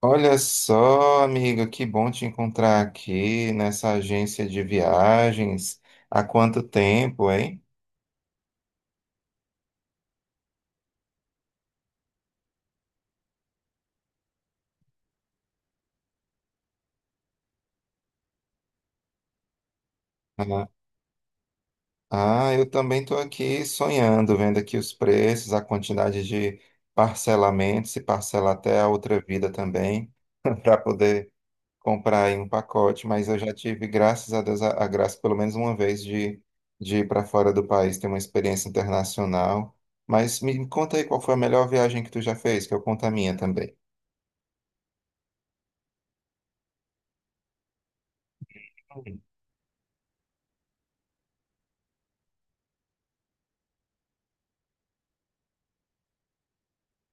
Olha só, amiga, que bom te encontrar aqui nessa agência de viagens. Há quanto tempo, hein? Ah, eu também estou aqui sonhando, vendo aqui os preços, a quantidade de parcelamento, se parcela até a outra vida também, para poder comprar aí um pacote. Mas eu já tive, graças a Deus, a graça pelo menos uma vez de ir para fora do país, ter uma experiência internacional. Mas me conta aí qual foi a melhor viagem que tu já fez, que eu conto a minha também.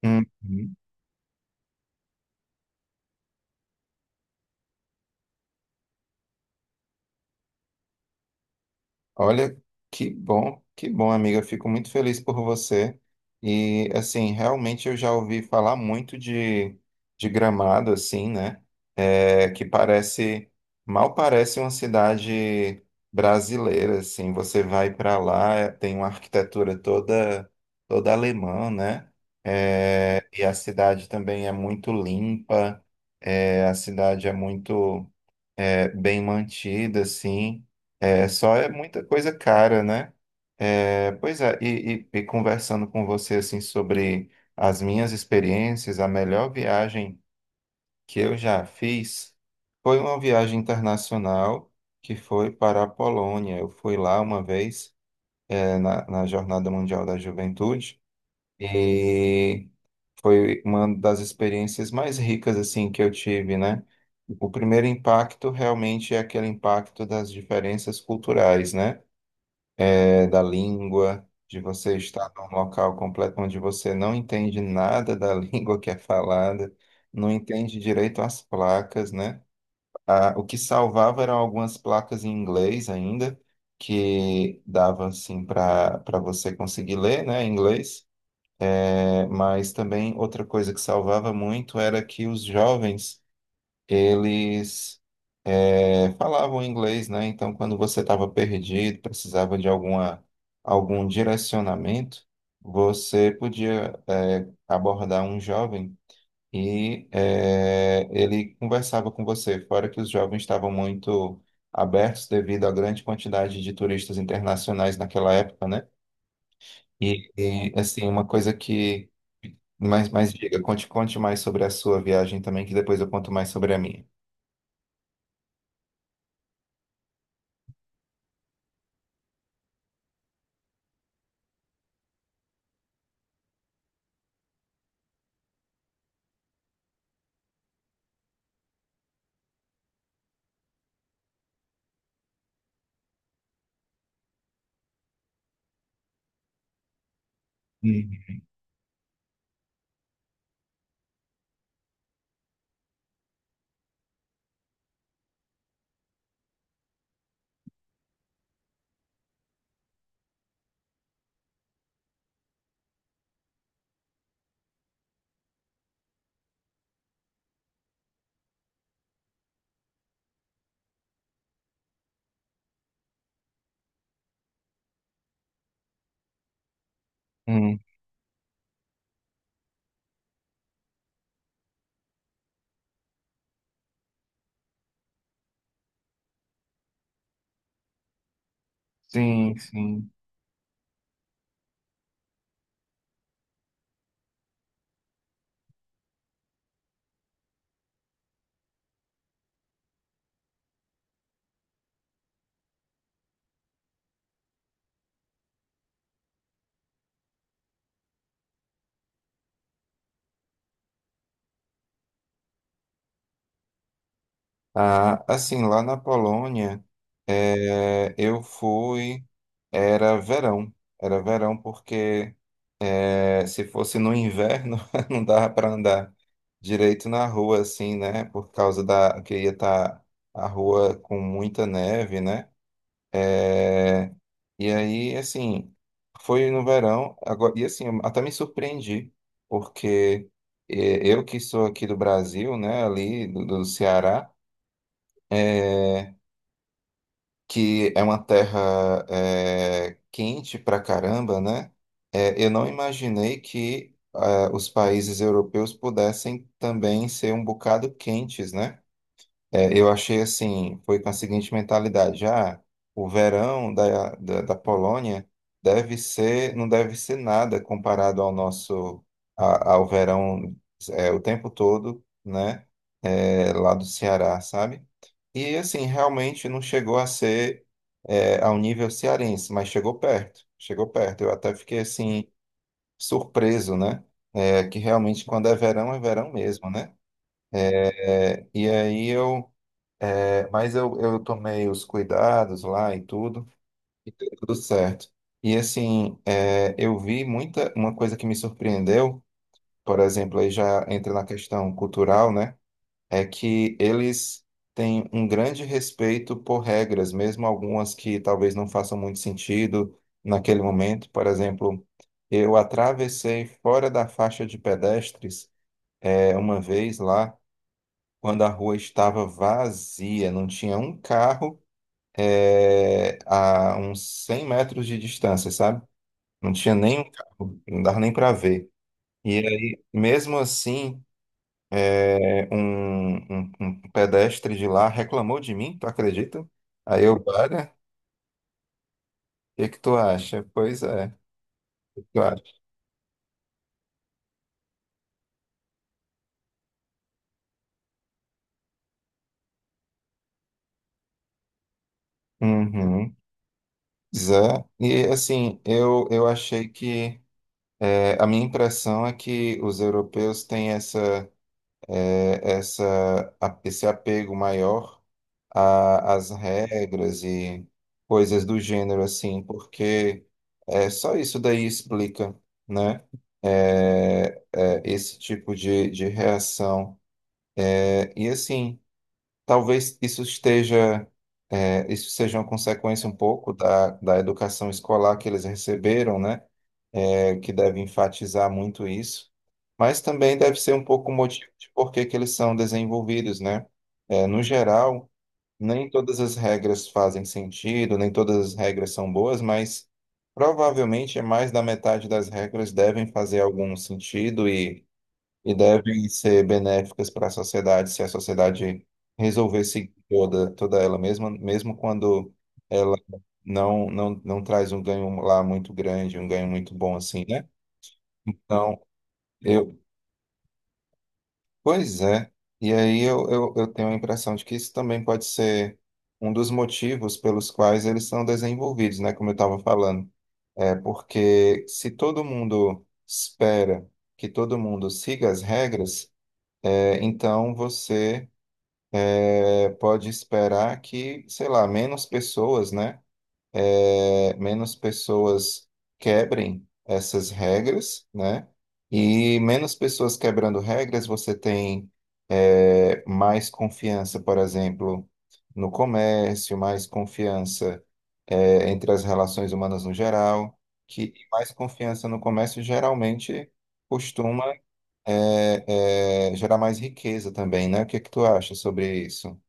Uhum. Olha, que bom, amiga. Fico muito feliz por você. E, assim, realmente eu já ouvi falar muito de Gramado, assim, né? É, que parece, mal parece uma cidade brasileira, assim. Você vai para lá, tem uma arquitetura toda alemã, né? É, e a cidade também é muito limpa, é, a cidade é muito. É, bem mantida, assim. É, só é muita coisa cara, né? É, pois é, e conversando com você, assim, sobre as minhas experiências, a melhor viagem que eu já fiz foi uma viagem internacional que foi para a Polônia. Eu fui lá uma vez, é, na Jornada Mundial da Juventude e foi uma das experiências mais ricas assim que eu tive, né? O primeiro impacto realmente é aquele impacto das diferenças culturais, né? É, da língua, de você estar num local completo onde você não entende nada da língua que é falada, não entende direito as placas, né? Ah, o que salvava eram algumas placas em inglês ainda, que dava assim para você conseguir ler, né, em inglês né? Mas também outra coisa que salvava muito era que os jovens, eles falavam inglês, né? Então, quando você estava perdido, precisava de alguma, algum direcionamento, você podia abordar um jovem e ele conversava com você. Fora que os jovens estavam muito abertos devido à grande quantidade de turistas internacionais naquela época, né? E, assim, uma coisa que. Mas diga, conte, conte mais sobre a sua viagem também, que depois eu conto mais sobre a minha. Hum, hum. Sim, sim. Ah, assim, lá na Polônia, é, eu fui. Era verão. Era verão porque é, se fosse no inverno, não dava para andar direito na rua, assim, né? Por causa da que ia estar a rua com muita neve, né? É, e aí, assim, foi no verão, agora, e assim, eu até me surpreendi, porque eu que sou aqui do Brasil, né, ali do Ceará, eh, que é uma terra quente pra caramba, né, eu não imaginei que ah, os países europeus pudessem também ser um bocado quentes, né? É, eu achei assim, foi com a seguinte mentalidade, já o verão da Polônia deve ser, não deve ser nada comparado ao nosso, a- ao verão é, o tempo todo, né, é, lá do Ceará, sabe? E assim, realmente não chegou a ser é, ao nível cearense, mas chegou perto, chegou perto. Eu até fiquei assim, surpreso, né, é, que realmente quando é verão mesmo, né? É, e aí eu mas eu tomei os cuidados lá e tudo, e deu tudo certo. E assim, é, eu vi muita, uma coisa que me surpreendeu, por exemplo, aí já entra na questão cultural, né? É que eles têm um grande respeito por regras, mesmo algumas que talvez não façam muito sentido naquele momento. Por exemplo, eu atravessei fora da faixa de pedestres, é, uma vez lá, quando a rua estava vazia, não tinha um carro é, a uns 100 metros de distância, sabe? Não tinha nem um carro, não dava nem para ver. E aí, mesmo assim, é, um pedestre de lá reclamou de mim, tu acredita? Aí eu, olha, o que que tu acha? Pois é, o que tu acha? Uhum. Zé. E assim, eu achei que é, a minha impressão é que os europeus têm essa, é, essa, a- esse apego maior a- as regras e coisas do gênero, assim, porque é, só isso daí explica, né? É, é, esse tipo de reação. É, e assim, talvez isso esteja, é, isso seja uma consequência um pouco da educação escolar que eles receberam, né? É, que deve enfatizar muito isso. Mas também deve ser um pouco o motivo de por que que eles são desenvolvidos, né? É, no geral, nem todas as regras fazem sentido, nem todas as regras são boas, mas provavelmente é mais da metade das regras devem fazer algum sentido e devem ser benéficas para a sociedade se a sociedade resolver seguir toda, toda ela, mesma mesmo quando ela não traz um ganho lá muito grande, um ganho muito bom assim, né? Então, eu, pois é, e aí eu tenho a impressão de que isso também pode ser um dos motivos pelos quais eles são desenvolvidos, né? Como eu estava falando. É porque se todo mundo espera que todo mundo siga as regras, é, então você é, pode esperar que, sei lá, menos pessoas, né? É, menos pessoas quebrem essas regras, né? E menos pessoas quebrando regras, você tem é, mais confiança, por exemplo, no comércio, mais confiança é, entre as relações humanas no geral, que mais confiança no comércio geralmente costuma é, é, gerar mais riqueza também, né? O que é que tu acha sobre isso?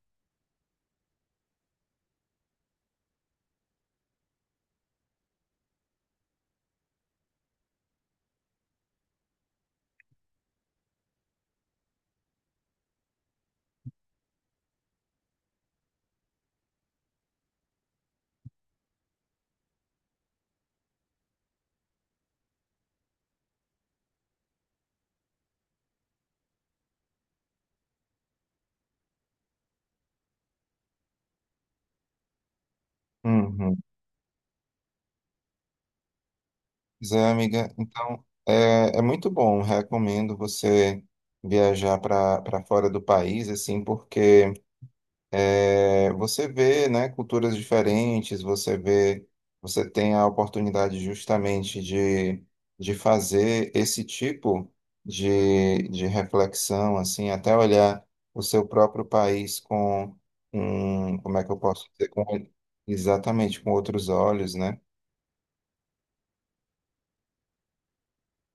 Pois é, amiga. Então, é, é muito bom. Recomendo você viajar para fora do país, assim, porque é, você vê, né, culturas diferentes, você vê, você tem a oportunidade justamente de fazer esse tipo de reflexão, assim, até olhar o seu próprio país com um, como é que eu posso dizer, com, exatamente com outros olhos, né?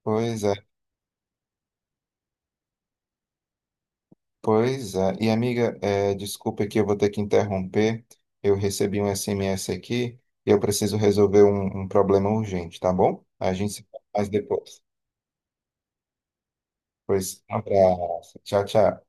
Pois é. Pois é. E amiga, é, desculpa que eu vou ter que interromper. Eu recebi um SMS aqui e eu preciso resolver um problema urgente, tá bom? A gente se fala mais depois. Pois, um abraço. Tchau, tchau.